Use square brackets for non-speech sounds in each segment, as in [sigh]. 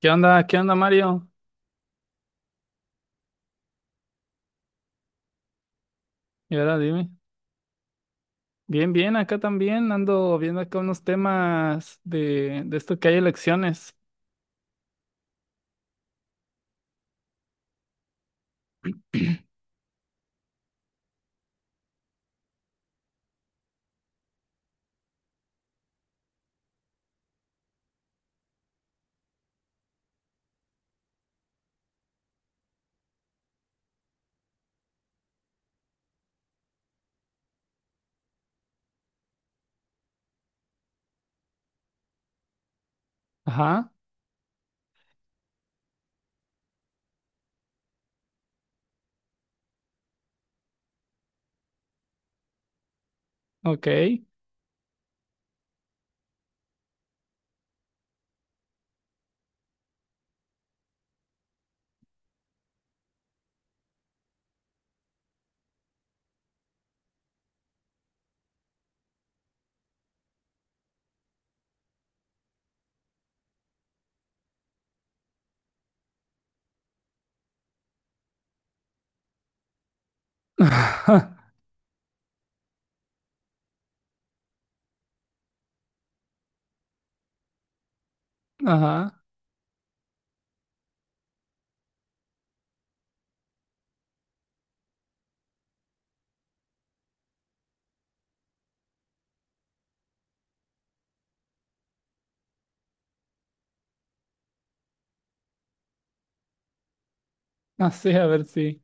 ¿Qué onda? ¿Qué onda, Mario? Y ahora dime. Bien, bien, acá también ando viendo acá unos temas de esto que hay elecciones. Ajá, ok. [laughs] Ajá, así, a ver si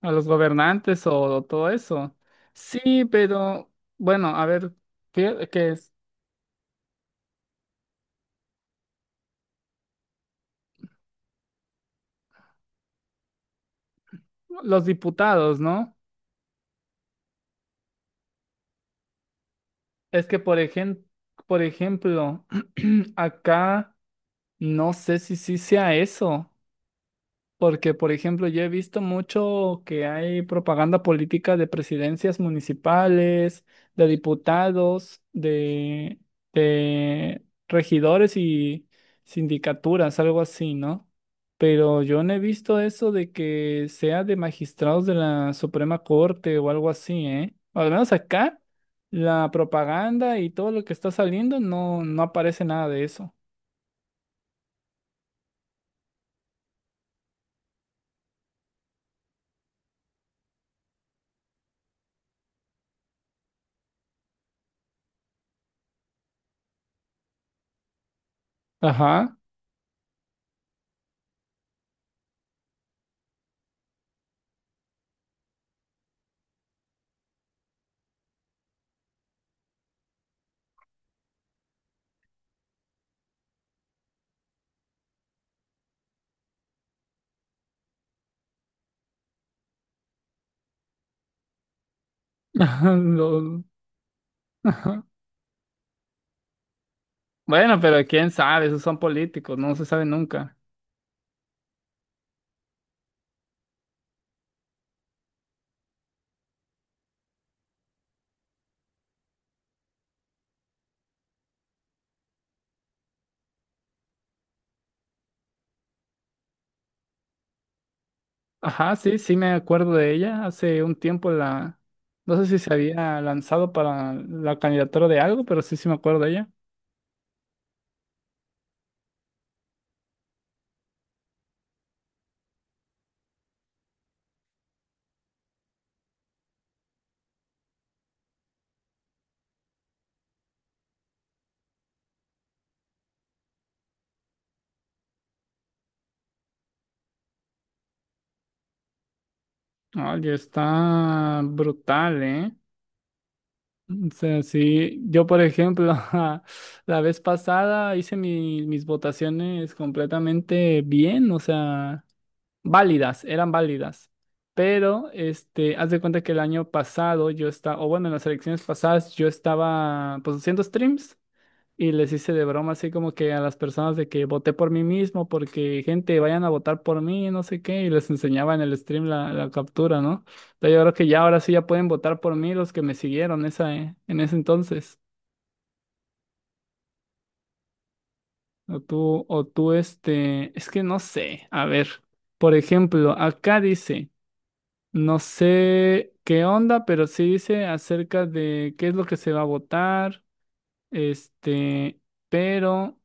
a los gobernantes o todo eso. Sí, pero bueno, a ver, fíjate que es los diputados, ¿no? Es que por ejemplo, [clears throat] acá no sé si sí sea eso. Porque, por ejemplo, yo he visto mucho que hay propaganda política de presidencias municipales, de diputados, de regidores y sindicaturas, algo así, ¿no? Pero yo no he visto eso de que sea de magistrados de la Suprema Corte o algo así, ¿eh? Al menos acá, la propaganda y todo lo que está saliendo no, no aparece nada de eso. Ajá. [laughs] Lo- Bueno, pero quién sabe, esos son políticos, no se sabe nunca. Ajá, sí, sí me acuerdo de ella. Hace un tiempo no sé si se había lanzado para la candidatura de algo, pero sí, sí me acuerdo de ella. Oye, está brutal, ¿eh? O sea, sí, yo por ejemplo, [laughs] la vez pasada hice mis votaciones completamente bien, o sea, válidas, eran válidas. Pero haz de cuenta que el año pasado yo estaba, o bueno, en las elecciones pasadas yo estaba, pues, haciendo streams y les hice de broma así como que a las personas de que voté por mí mismo porque, gente, vayan a votar por mí, no sé qué, y les enseñaba en el stream la captura, ¿no? Pero yo creo que ya ahora sí ya pueden votar por mí los que me siguieron esa, en ese entonces. O tú, es que no sé, a ver, por ejemplo, acá dice... No sé qué onda, pero sí dice acerca de qué es lo que se va a votar, este, pero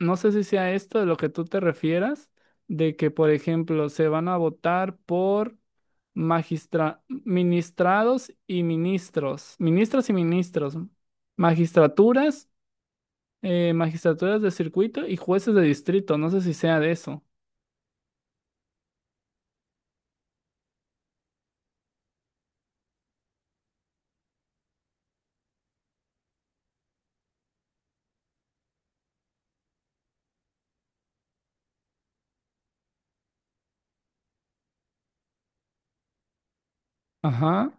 no sé si sea esto de lo que tú te refieras, de que, por ejemplo, se van a votar por magistra, ministrados y ministros, ministros y ministros, magistraturas, magistraturas de circuito y jueces de distrito, no sé si sea de eso. Ajá,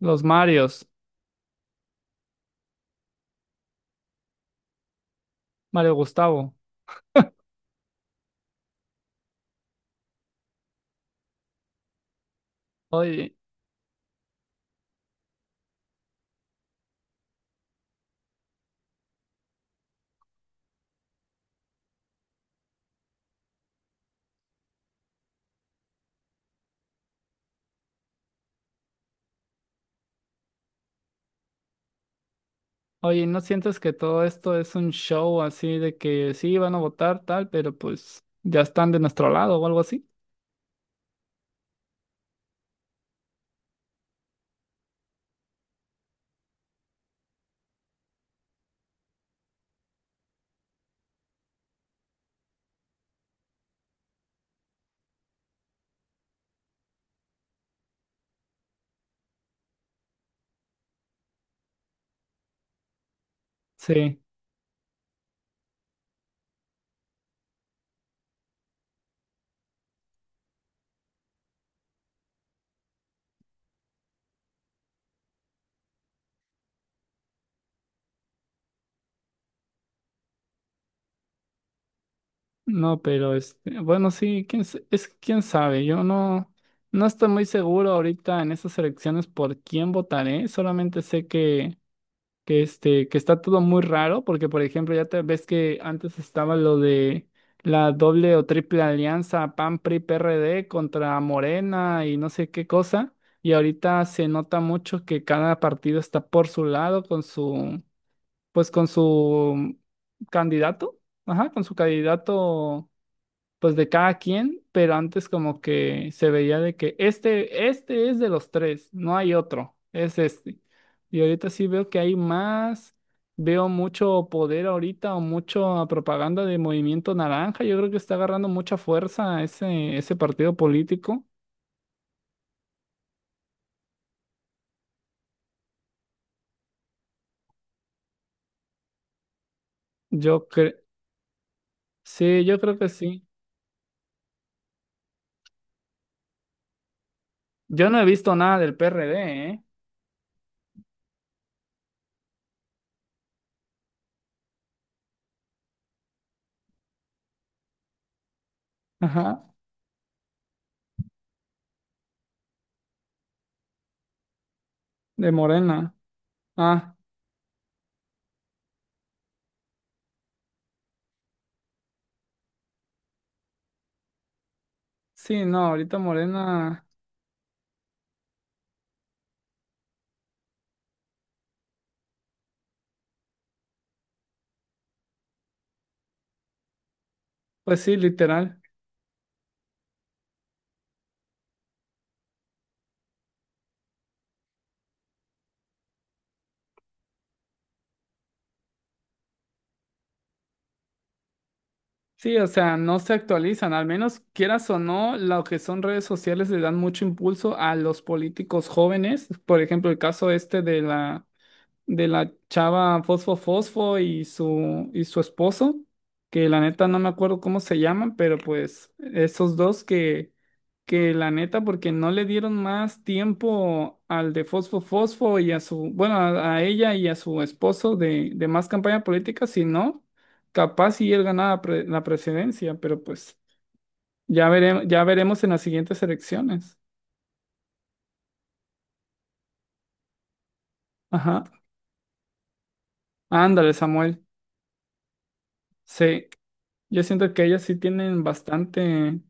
los Marios, Mario Gustavo. Oye. Oye, ¿no sientes que todo esto es un show así de que sí van a votar tal, pero pues ya están de nuestro lado o algo así? Sí, no, pero bueno, sí, es que quién sabe, yo no, no estoy muy seguro ahorita en estas elecciones por quién votaré, solamente sé que que está todo muy raro, porque por ejemplo, ya te ves que antes estaba lo de la doble o triple alianza PAN PRI PRD contra Morena y no sé qué cosa, y ahorita se nota mucho que cada partido está por su lado con su pues con su candidato, ajá, con su candidato pues de cada quien, pero antes como que se veía de que este es de los tres, no hay otro, es este. Y ahorita sí veo que hay más, veo mucho poder ahorita o mucha propaganda de Movimiento Naranja, yo creo que está agarrando mucha fuerza ese partido político. Yo creo, sí, yo creo que sí. Yo no he visto nada del PRD, ¿eh? Ajá, de Morena. Ah, sí, no, ahorita Morena, pues sí, literal. Sí, o sea, no se actualizan, al menos quieras o no, lo que son redes sociales le dan mucho impulso a los políticos jóvenes, por ejemplo, el caso este de la chava Fosfo Fosfo y y su esposo, que la neta no me acuerdo cómo se llaman, pero pues esos dos que la neta, porque no le dieron más tiempo al de Fosfo Fosfo y a su, bueno, a ella y a su esposo de más campaña política, si no, capaz si él ganaba la presidencia, pero pues ya veremos en las siguientes elecciones. Ajá. Ándale, Samuel. Sí. Yo siento que ellas sí tienen bastante.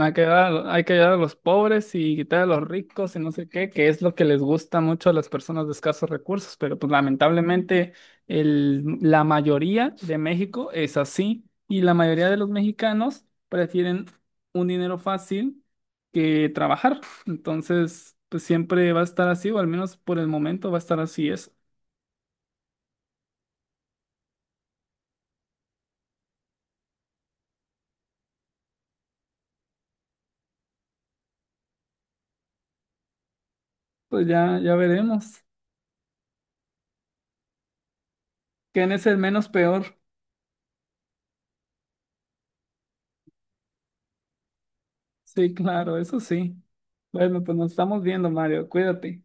Hay que dar, hay que ayudar a los pobres y quitar a los ricos y no sé qué, que es lo que les gusta mucho a las personas de escasos recursos, pero pues lamentablemente la mayoría de México es así y la mayoría de los mexicanos prefieren un dinero fácil que trabajar. Entonces, pues siempre va a estar así, o al menos por el momento va a estar así eso. Pues ya, ya veremos. ¿Quién es el menos peor? Sí, claro, eso sí. Bueno, pues nos estamos viendo, Mario. Cuídate.